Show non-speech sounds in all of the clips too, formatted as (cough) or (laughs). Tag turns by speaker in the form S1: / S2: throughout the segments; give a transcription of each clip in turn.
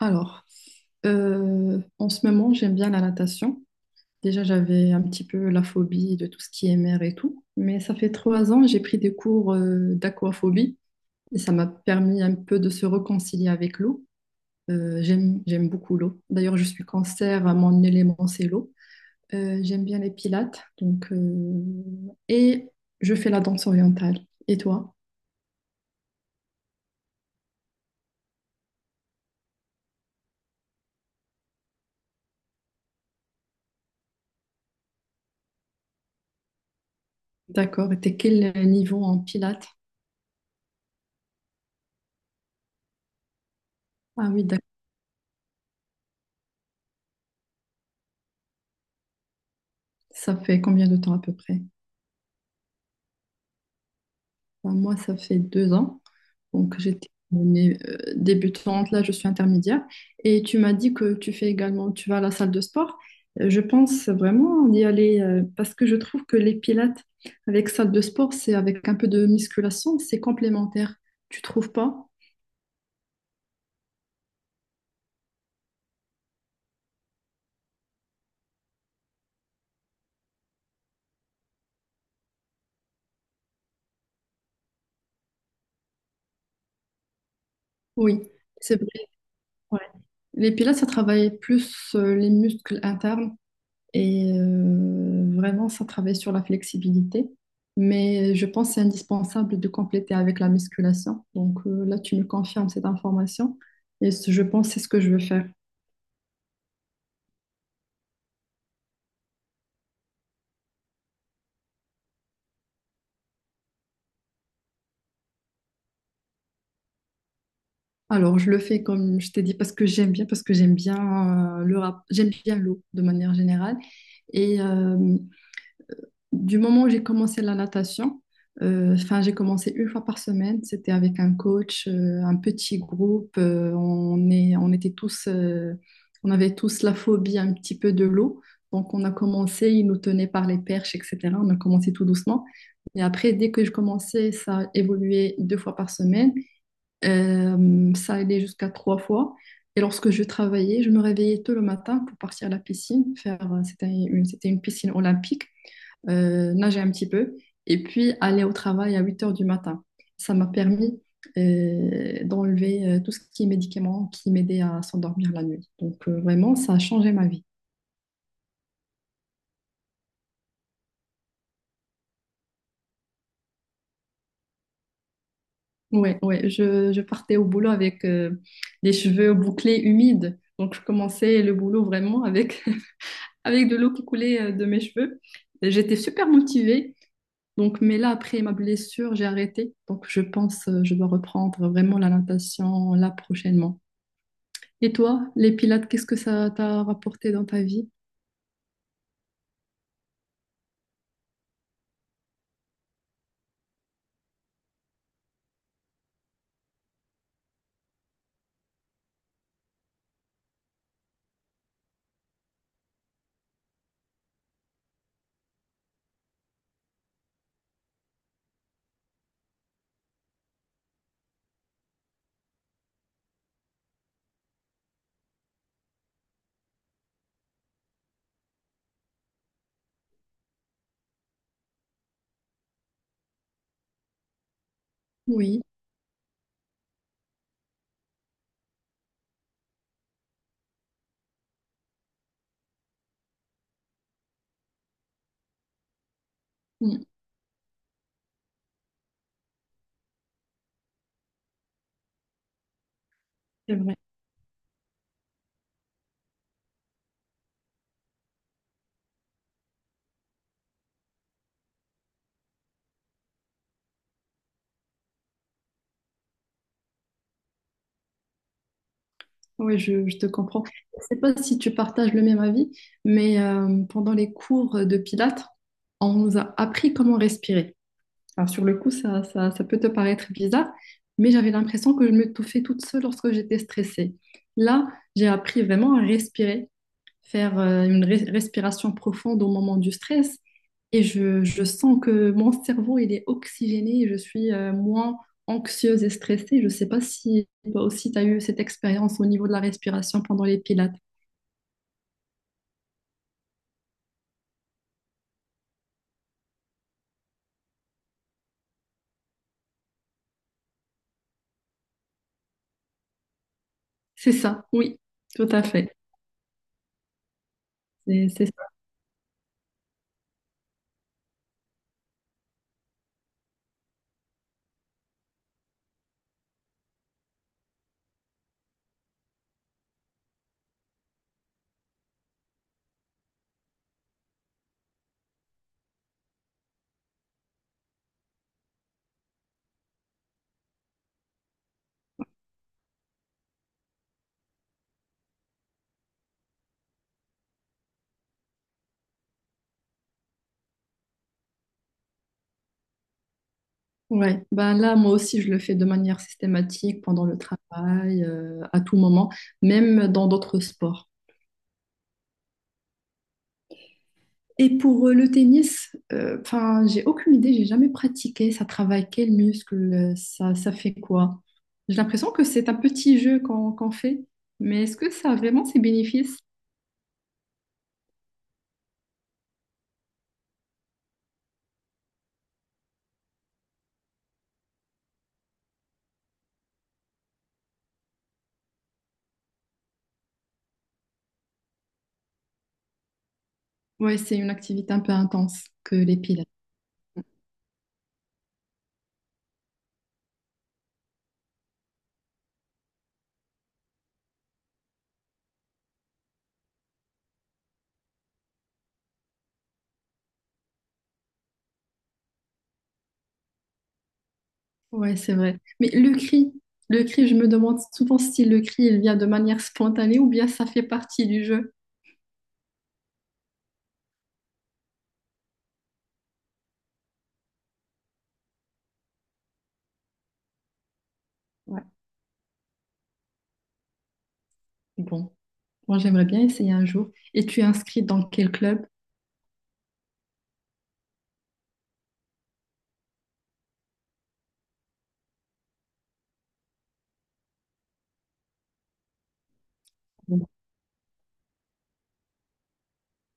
S1: Alors, en ce moment, j'aime bien la natation. Déjà, j'avais un petit peu la phobie de tout ce qui est mer et tout. Mais ça fait 3 ans, j'ai pris des cours d'aquaphobie et ça m'a permis un peu de se réconcilier avec l'eau. J'aime beaucoup l'eau. D'ailleurs, je suis cancer, mon élément, c'est l'eau. J'aime bien les pilates. Et je fais la danse orientale. Et toi? D'accord. Et t'es quel niveau en pilates? Ah oui, d'accord. Ça fait combien de temps à peu près? Enfin, moi, ça fait 2 ans. Donc, j'étais débutante, là, je suis intermédiaire. Et tu m'as dit que tu fais également, tu vas à la salle de sport. Je pense vraiment d'y aller parce que je trouve que les pilates avec salle de sport, c'est avec un peu de musculation, c'est complémentaire. Tu trouves pas? Oui, c'est vrai. Ouais. Les pilates, ça travaille plus les muscles internes. Vraiment, ça travaille sur la flexibilité. Mais je pense que c'est indispensable de compléter avec la musculation. Là, tu me confirmes cette information. Je pense que c'est ce que je veux faire. Alors, je le fais comme je t'ai dit parce que j'aime bien, parce que j'aime bien j'aime bien l'eau de manière générale. Et euh, du moment où j'ai commencé la natation, enfin, j'ai commencé 1 fois par semaine. C'était avec un coach, un petit groupe. On était tous, on avait tous la phobie un petit peu de l'eau. Donc, on a commencé, ils nous tenaient par les perches, etc. On a commencé tout doucement. Et après, dès que je commençais, ça évoluait 2 fois par semaine. Ça allait jusqu'à 3 fois. Et lorsque je travaillais, je me réveillais tôt le matin pour partir à la piscine. Faire, c'était une piscine olympique nager un petit peu et puis aller au travail à 8 heures du matin. Ça m'a permis d'enlever tout ce qui est médicaments qui m'aidaient à s'endormir la nuit. Vraiment, ça a changé ma vie. Ouais, ouais, je partais au boulot avec des cheveux bouclés humides. Donc je commençais le boulot vraiment avec, (laughs) avec de l'eau qui coulait de mes cheveux. Et j'étais super motivée. Donc, mais là, après ma blessure, j'ai arrêté. Je pense, je dois reprendre vraiment la natation là prochainement. Et toi, les pilates, qu'est-ce que ça t'a rapporté dans ta vie? Oui, mm, c'est vrai. Oui, je te comprends. Je sais pas si tu partages le même avis, mais pendant les cours de Pilates, on nous a appris comment respirer. Alors, sur le coup, ça peut te paraître bizarre, mais j'avais l'impression que je m'étouffais toute seule lorsque j'étais stressée. Là, j'ai appris vraiment à respirer, faire respiration profonde au moment du stress. Et je sens que mon cerveau, il est oxygéné, et je suis moins anxieuse et stressée. Je ne sais pas si toi aussi, tu as eu cette expérience au niveau de la respiration pendant les pilates. C'est ça, oui, tout à fait. C'est ça. Ouais. Ben là, moi aussi, je le fais de manière systématique pendant le travail, à tout moment, même dans d'autres sports. Et pour le tennis, enfin, j'ai aucune idée, j'ai jamais pratiqué. Ça travaille quel muscle, ça fait quoi? J'ai l'impression que c'est un petit jeu qu'on fait, mais est-ce que ça a vraiment ses bénéfices? Ouais, c'est une activité un peu intense que les pilates. Ouais, c'est vrai. Le cri, je me demande souvent si le cri, il vient de manière spontanée ou bien ça fait partie du jeu. Ouais, bon, moi j'aimerais bien essayer un jour. Et tu es inscrit dans quel club?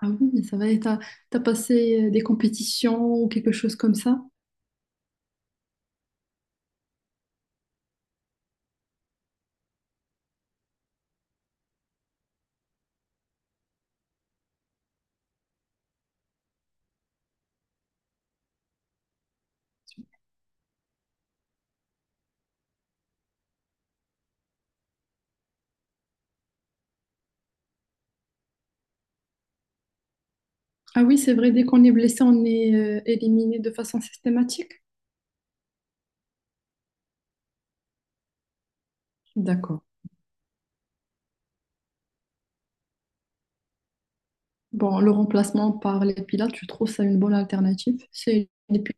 S1: Ah oui, ça va, t'as passé des compétitions ou quelque chose comme ça? Ah oui, c'est vrai, dès qu'on est blessé, on est éliminé de façon systématique. D'accord. Bon, le remplacement par les pilates, je trouve ça une bonne alternative. C'est… Et puis,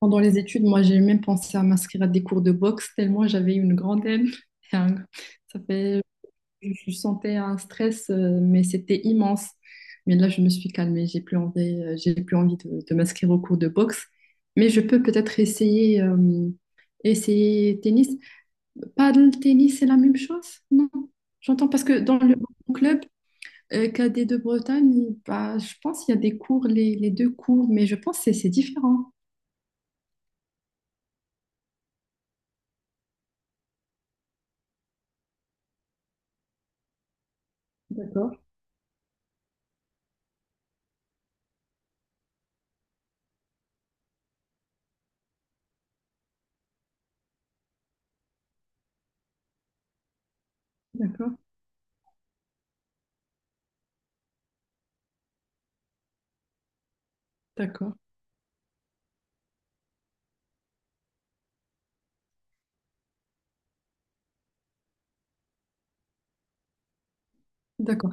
S1: pendant les études, moi, j'ai même pensé à m'inscrire à des cours de boxe, tellement j'avais une grande haine. (laughs) Ça fait je sentais un stress, mais c'était immense. Mais là, je me suis calmée. J'ai plus envie de m'inscrire au cours de boxe. Mais je peux peut-être essayer, essayer tennis. Paddle, tennis, c'est la même chose? Non. J'entends parce que dans le club cadet de Bretagne, bah, je pense qu'il y a des cours, les deux cours, mais je pense que c'est différent. D'accord, d'accord, d'accord, d'accord.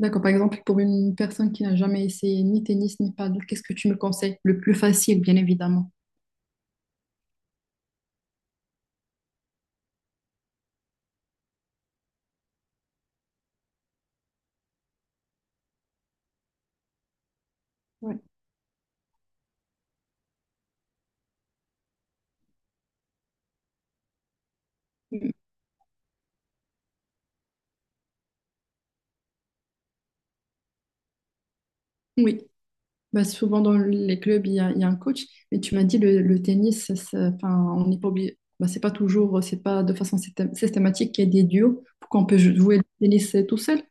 S1: D'accord, par exemple, pour une personne qui n'a jamais essayé ni tennis ni paddle, qu'est-ce que tu me conseilles? Le plus facile, bien évidemment. Ouais. Mm. Oui, bah, souvent dans les clubs, il y a un coach, mais tu m'as dit le tennis, enfin, on n'est pas obligé. Bah, c'est pas toujours, c'est pas de façon systématique qu'il y a des duos pour qu'on peut jouer le tennis tout seul.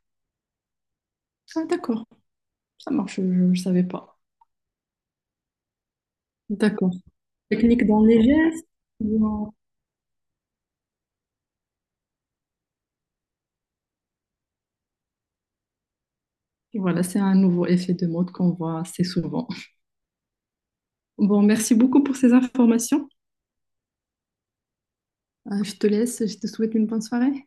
S1: Ah, d'accord, ça marche, je ne savais pas. D'accord. Technique dans les gestes. dans- Voilà, c'est un nouveau effet de mode qu'on voit assez souvent. Bon, merci beaucoup pour ces informations. Je te laisse, je te souhaite une bonne soirée.